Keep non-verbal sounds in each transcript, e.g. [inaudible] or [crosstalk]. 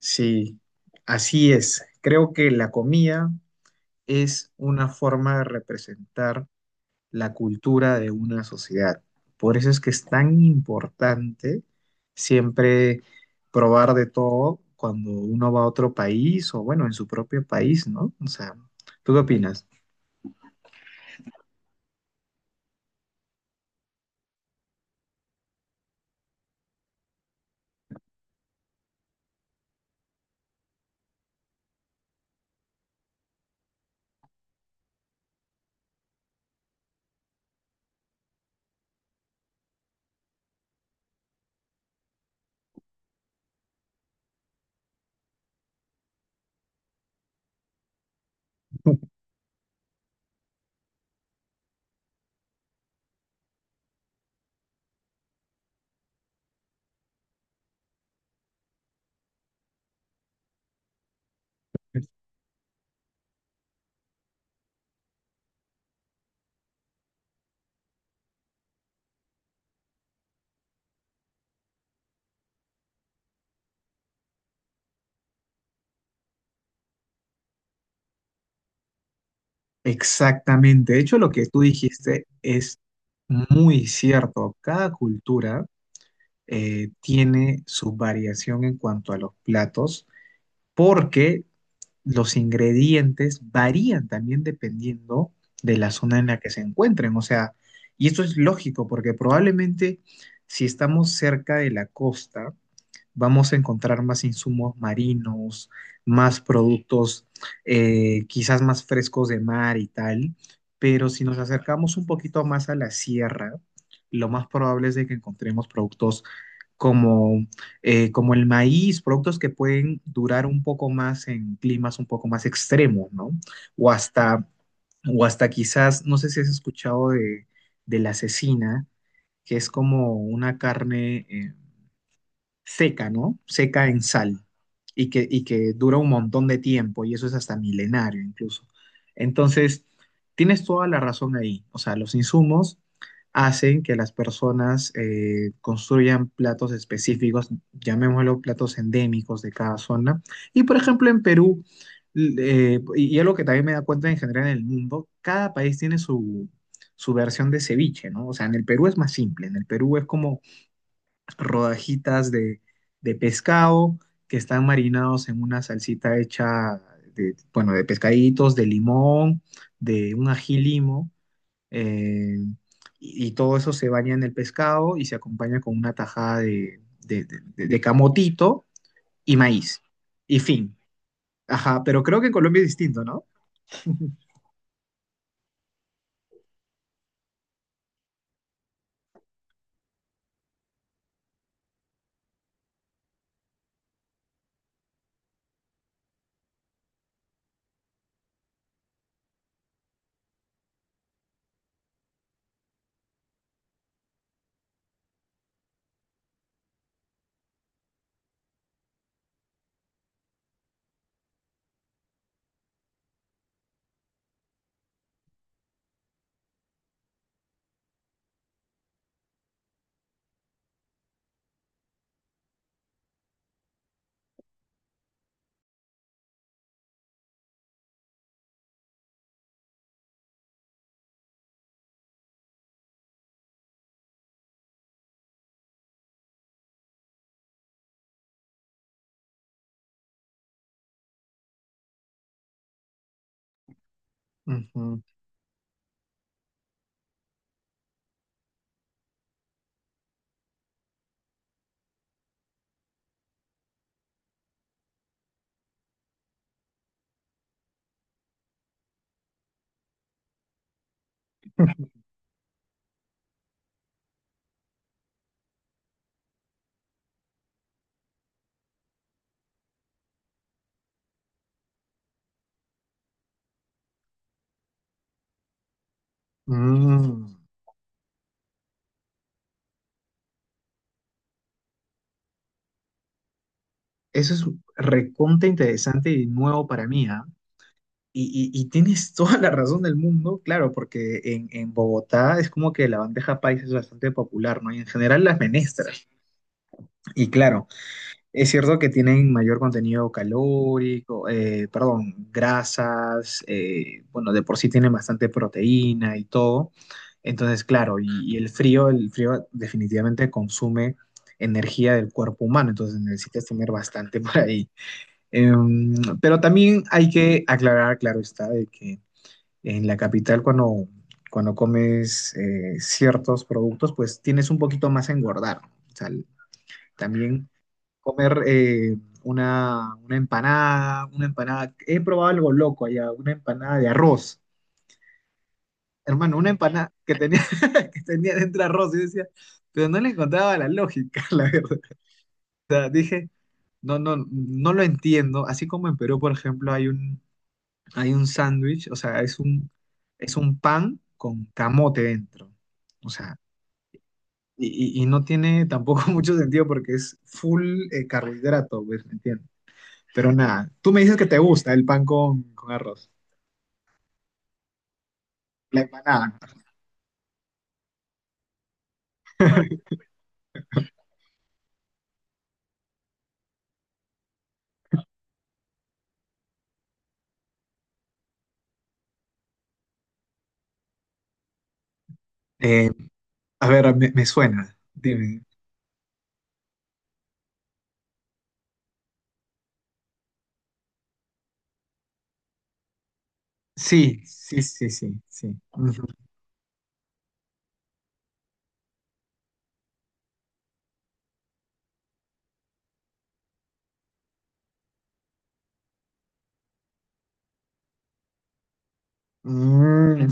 Sí, así es. Creo que la comida es una forma de representar la cultura de una sociedad. Por eso es que es tan importante siempre probar de todo cuando uno va a otro país o bueno, en su propio país, ¿no? O sea, ¿tú qué opinas? Exactamente. De hecho, lo que tú dijiste es muy cierto. Cada cultura tiene su variación en cuanto a los platos porque los ingredientes varían también dependiendo de la zona en la que se encuentren. O sea, y esto es lógico porque probablemente si estamos cerca de la costa, vamos a encontrar más insumos marinos, más productos quizás más frescos de mar y tal. Pero si nos acercamos un poquito más a la sierra, lo más probable es de que encontremos productos como, como el maíz, productos que pueden durar un poco más en climas un poco más extremos, ¿no? O hasta, o hasta quizás, no sé si has escuchado de la cecina, que es como una carne, seca, ¿no? Seca en sal y que dura un montón de tiempo y eso es hasta milenario incluso. Entonces, tienes toda la razón ahí. O sea, los insumos hacen que las personas construyan platos específicos, llamémoslo platos endémicos de cada zona. Y por ejemplo, en Perú, y algo que también me da cuenta en general en el mundo, cada país tiene su versión de ceviche, ¿no? O sea, en el Perú es más simple, en el Perú es como rodajitas de pescado que están marinados en una salsita hecha de, bueno, de pescaditos, de limón, de un ají limo, eh, y todo eso se baña en el pescado y se acompaña con una tajada de, de camotito y maíz. Y fin. Ajá, pero creo que en Colombia es distinto, ¿no? Ujú. Mm. Eso es recontra interesante y nuevo para mí, ¿ah? Y tienes toda la razón del mundo, claro, porque en Bogotá es como que la bandeja paisa es bastante popular, ¿no? Y en general las menestras. Y claro, es cierto que tienen mayor contenido calórico, perdón, grasas, bueno, de por sí tienen bastante proteína y todo. Entonces, claro, y el frío definitivamente consume energía del cuerpo humano, entonces necesitas tener bastante [laughs] por ahí. Em, pero también hay que aclarar, claro está, de que en la capital cuando comes ciertos productos, pues tienes un poquito más a engordar. ¿No? O sea, también comer una empanada, he probado algo loco allá, una empanada de arroz. Hermano, una empanada que tenía, [laughs] que tenía dentro arroz, y decía, pero no le encontraba la lógica, [laughs] la verdad. O sea, dije, no, no lo entiendo. Así como en Perú, por ejemplo, hay un sándwich, o sea, es un pan con camote dentro. O sea, y no tiene tampoco [laughs] mucho sentido porque es full carbohidrato, pues, ¿me entiendes? Pero nada, tú me dices que te gusta el pan con arroz. La empanada. Eh, a ver, me suena. Dime. Sí, sí, sí, sí, sí. Ujú. Mm.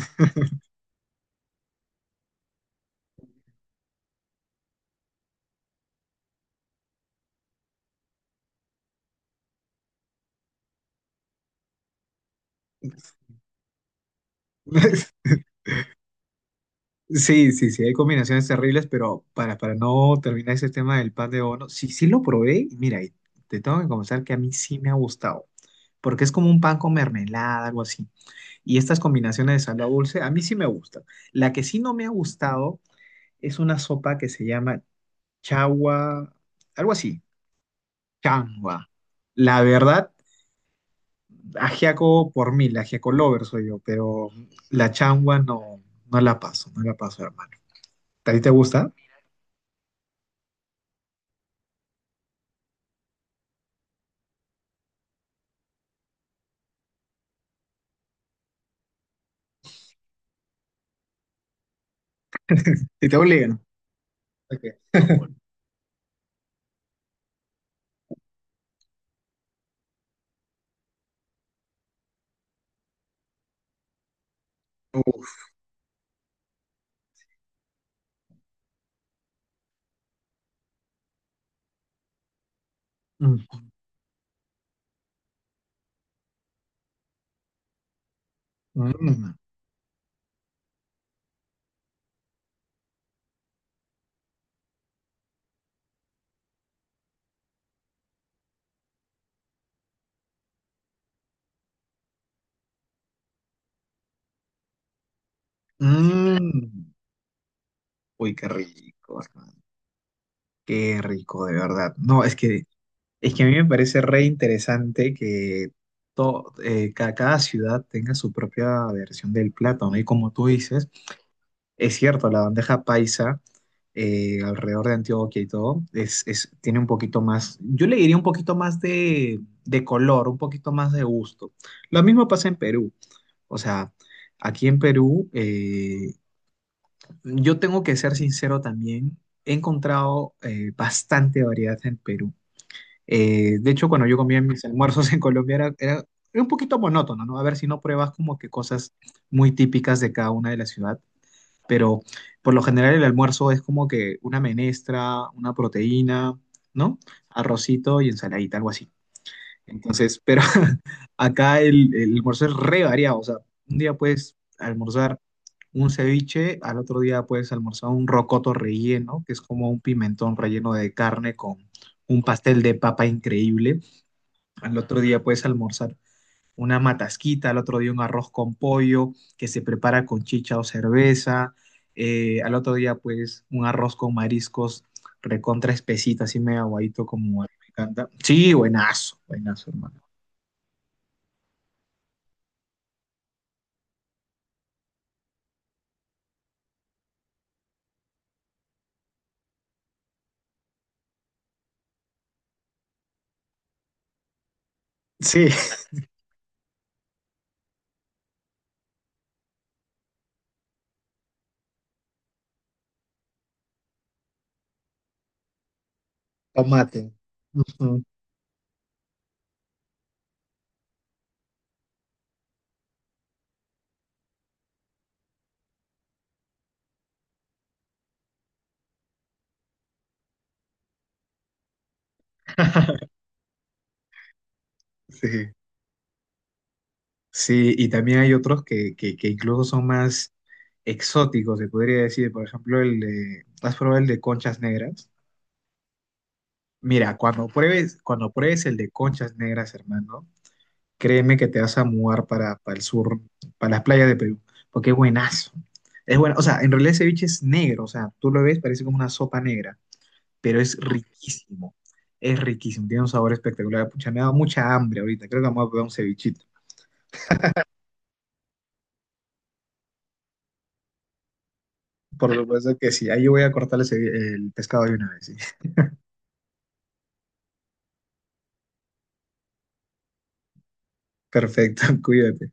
[laughs] Sí, sí, sí, hay combinaciones terribles, pero para no terminar ese tema del pan de bono, sí, sí lo probé y mira, y te tengo que confesar que a mí sí me ha gustado, porque es como un pan con mermelada, algo así. Y estas combinaciones de salado dulce, a mí sí me gustan. La que sí no me ha gustado es una sopa que se llama chagua, algo así, changua. La verdad, ajiaco por mí, la ajiaco lover soy yo, pero la changua no, no la paso, no la paso, hermano. ¿A ti te gusta? ¿Y te obligan? Okay. [laughs] Uf. Mm. Mm. Mm. Uy, qué rico, hermano. Qué rico, de verdad. No, es que a mí me parece re interesante que cada ciudad tenga su propia versión del plato, no. Y como tú dices, es cierto, la bandeja paisa alrededor de Antioquia y todo, tiene un poquito más, yo le diría un poquito más de color, un poquito más de gusto. Lo mismo pasa en Perú. O sea, aquí en Perú, yo tengo que ser sincero también. He encontrado bastante variedad en Perú. De hecho, cuando yo comía mis almuerzos [laughs] en Colombia era un poquito monótono, ¿no? A ver si no pruebas como que cosas muy típicas de cada una de la ciudad. Pero por lo general el almuerzo es como que una menestra, una proteína, ¿no? Arrocito y ensaladita, algo así. Entonces, pero [laughs] acá el almuerzo es re variado. O sea, un día puedes almorzar un ceviche, al otro día puedes almorzar un rocoto relleno, que es como un pimentón relleno de carne con un pastel de papa increíble. Al otro día puedes almorzar una matasquita, al otro día un arroz con pollo que se prepara con chicha o cerveza. Al otro día, pues, un arroz con mariscos recontra espesita, así medio aguadito como a mí me encanta. Sí, buenazo, buenazo, hermano. Sí, [laughs] tomate. Ujú. [laughs] Sí. Sí, y también hay otros que incluso son más exóticos, se podría decir. Por ejemplo, el de, ¿has probado el de conchas negras? Mira, cuando pruebes el de conchas negras, hermano, créeme que te vas a mudar para el sur, para las playas de Perú, porque es buenazo. Es bueno, o sea, en realidad ese ceviche es negro, o sea, tú lo ves, parece como una sopa negra, pero es riquísimo, tiene un sabor espectacular. Pucha, me ha dado mucha hambre ahorita, creo que vamos a probar un cevichito. Por supuesto que sí. Ahí yo voy a cortarles el pescado de una vez. Sí. [laughs] Perfecto, [laughs] cuídate.